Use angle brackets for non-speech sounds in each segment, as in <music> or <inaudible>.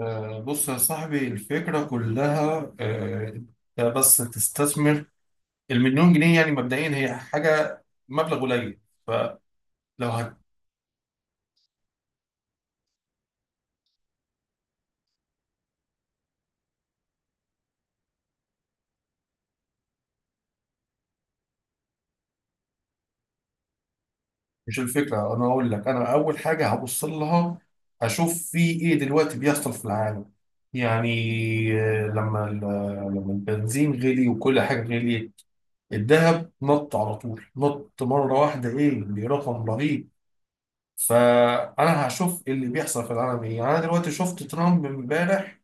بص يا صاحبي، الفكرة كلها انت بس تستثمر المليون جنيه. يعني مبدئيا هي حاجة، مبلغ قليل. فلو هت... مش الفكرة. أنا أقول لك، أنا أول حاجة هبص لها أشوف في إيه دلوقتي بيحصل في العالم. يعني آه، لما ال- لما البنزين غلي وكل حاجة غليت، الذهب نط على طول، نط مرة واحدة إيه برقم رهيب. فأنا هشوف اللي بيحصل في العالم إيه. يعني أنا دلوقتي شفت ترامب إمبارح،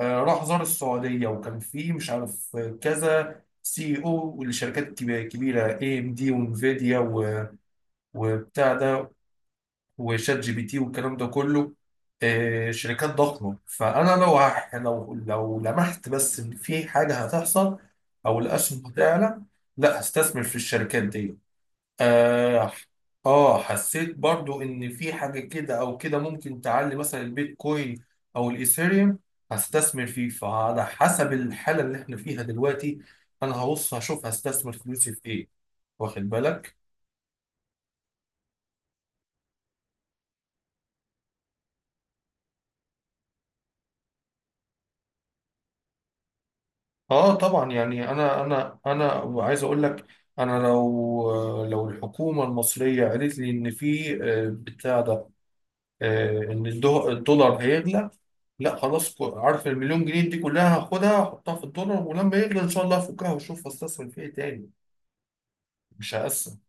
راح زار السعودية وكان فيه مش عارف كذا سي او لشركات كبيرة، اي ام دي وانفيديا وبتاع ده وشات جي بي تي والكلام ده كله. شركات ضخمة. فأنا لو لو لمحت بس إن في حاجة هتحصل أو الأسهم هتعلى، لا هستثمر في الشركات دي. آه. آه، حسيت برضو إن في حاجة كده أو كده ممكن تعلي، مثلا البيتكوين أو الإيثيريوم، هستثمر فيه. فعلى حسب الحالة اللي إحنا فيها دلوقتي، أنا هبص هشوف هستثمر فلوسي في إيه. واخد بالك؟ آه طبعا. يعني أنا عايز أقول لك، أنا لو لو الحكومة المصرية قالت لي إن في بتاع ده، ان الدولار هيغلى، لا خلاص. عارف المليون جنيه دي كلها هاخدها احطها في الدولار، ولما يغلى ان شاء الله افكها واشوف استثمر في ايه تاني. مش هقسم.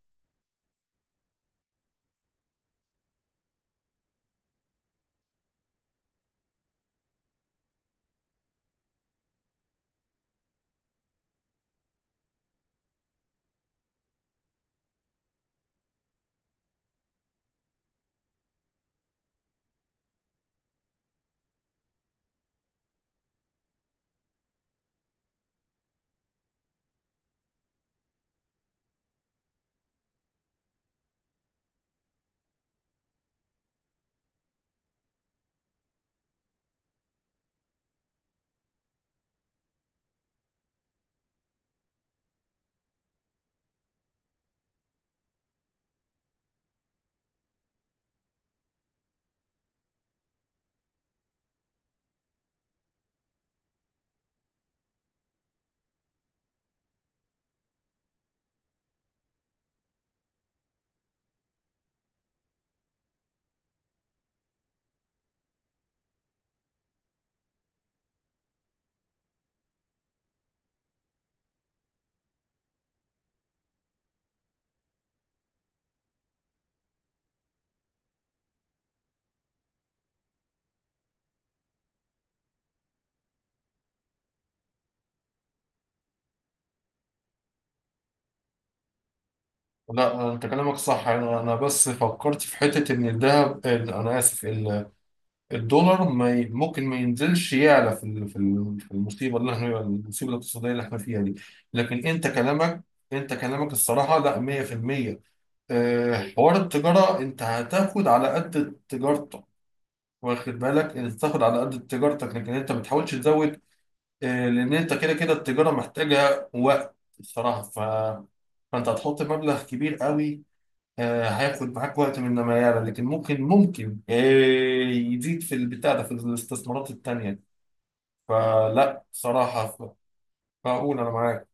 لا، انت كلامك صح. أنا بس فكرت في حته، ان الذهب، انا اسف، الدولار ما ي- ممكن ما ينزلش، يعلى في في المصيبه اللي احنا، المصيبه الاقتصاديه اللي احنا فيها دي. لكن انت كلامك الصراحه لا 100%. حوار التجاره، انت هتاخد على قد تجارتك. واخد بالك؟ انت تاخد على قد تجارتك، لكن انت ما تحاولش تزود. لان انت كده كده التجاره محتاجه وقت الصراحه. فانت هتحط مبلغ كبير قوي. هياخد معاك وقت من ما يعلى، لكن ممكن يزيد في البتاع ده في الاستثمارات التانية. فلا صراحة، فأقول أنا معاك.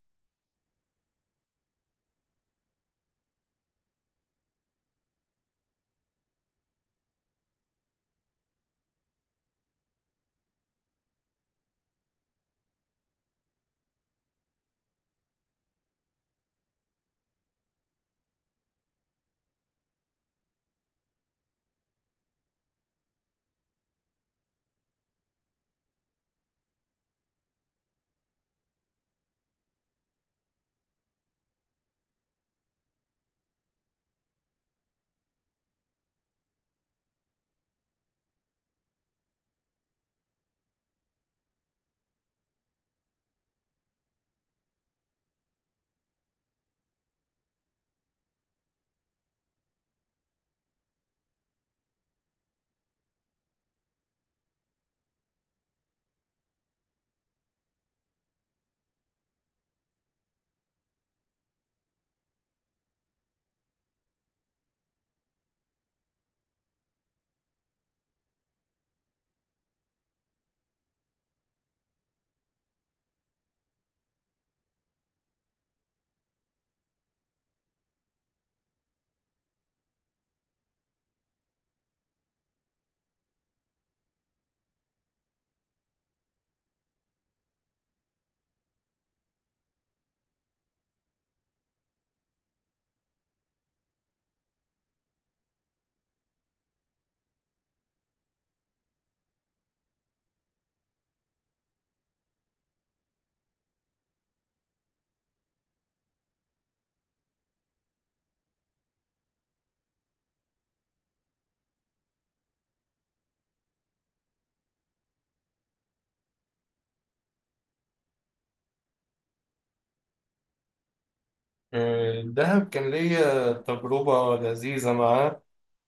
الذهب كان ليا تجربة لذيذة معاه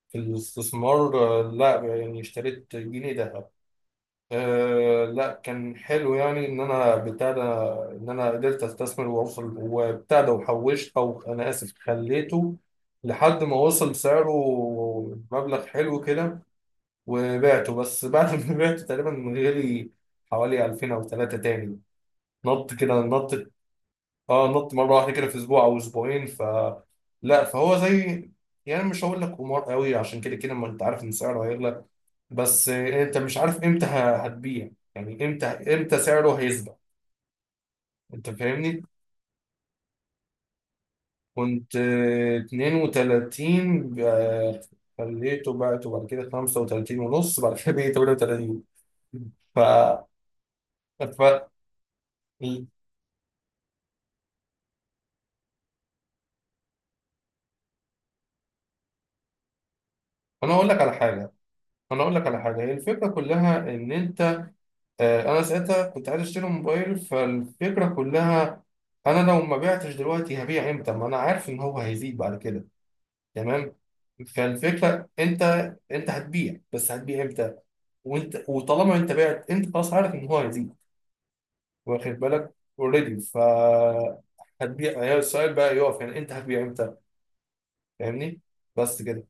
في الاستثمار. لا يعني اشتريت جنيه ذهب. آه، لا كان حلو. يعني ان انا بتاع ده، ان انا قدرت استثمر واوصل وبتاع ده وحوشت، او انا اسف خليته لحد ما وصل سعره مبلغ حلو كده، وبعته. بس بعد ما <laughs> بعته تقريبا غالي، حوالي 2000 او 3 تاني. نط كده نط. اه نط مره واحده كده في اسبوع او اسبوعين. لا، فهو زي، يعني مش هقول لك قمار قوي، عشان كده كده ما انت عارف ان سعره هيغلى، بس انت مش عارف امتى هتبيع. يعني امتى سعره هيثبت. انت فاهمني. كنت 32 خليته، بعته بعد كده 35 ونص، بعد كده بقيت 38. ف... ف... انا اقول لك على حاجه. هي الفكره كلها ان انت، انا ساعتها كنت عايز اشتري موبايل. فالفكره كلها، انا لو ما بعتش دلوقتي هبيع امتى؟ ما انا عارف ان هو هيزيد بعد كده. تمام. فالفكره انت، هتبيع، بس هتبيع امتى؟ وانت، وطالما انت بعت، انت خلاص عارف ان هو هيزيد. واخد بالك؟ اوريدي. هتبيع، هي السؤال بقى يقف، يعني انت هتبيع امتى. فاهمني. بس كده.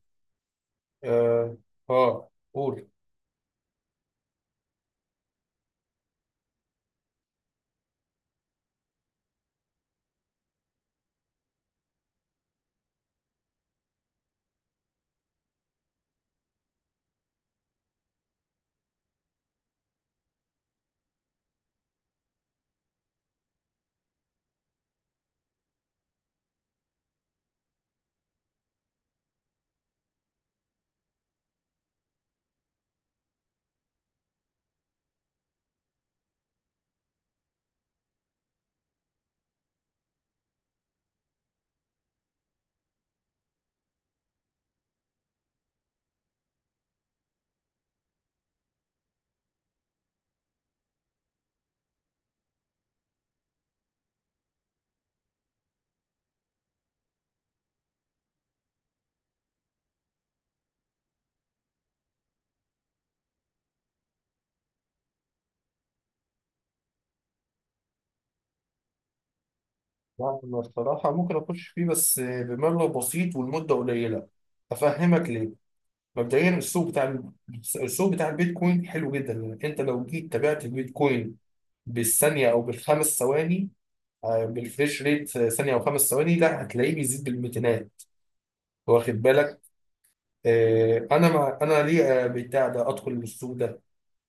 اه اه قول. لا، انا الصراحه ممكن اخش فيه بس بمبلغ بسيط والمده قليله. افهمك ليه. مبدئيا السوق بتاع البيتكوين حلو جدا. يعني انت لو جيت تابعت البيتكوين بالثانيه او بالخمس ثواني، بالفريش ريت، ثانيه او خمس ثواني، لا هتلاقيه بيزيد بالميتينات. واخد بالك؟ انا، ما انا ليه بتاع ده ادخل السوق ده؟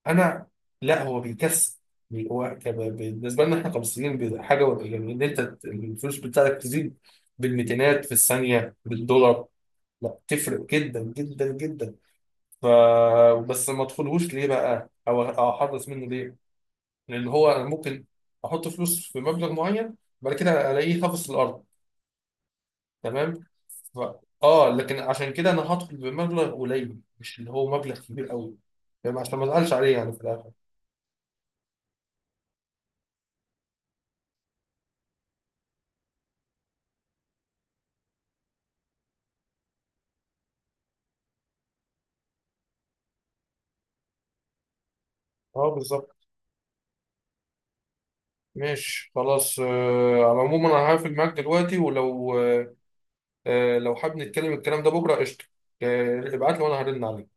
انا، لا هو بيكسب. بالنسبه لنا احنا كمصريين، حاجه، يعني ان انت الفلوس بتاعتك تزيد بالميتينات في الثانيه بالدولار، لا تفرق جدا جدا جدا. ف بس ما ادخلهوش ليه بقى؟ او احرص منه ليه؟ لان هو انا ممكن احط فلوس في مبلغ معين بعد كده الاقيه خافص الارض. تمام. ف... اه، لكن عشان كده انا هدخل بمبلغ قليل، مش اللي هو مبلغ كبير قوي. فاهم؟ عشان ما ازعلش عليه يعني في الاخر. اه بالظبط. ماشي خلاص. على العموم انا هقفل معاك دلوقتي، ولو لو حابب نتكلم الكلام ده بكره، قشطه. آه، ابعت لي وانا هرن عليك.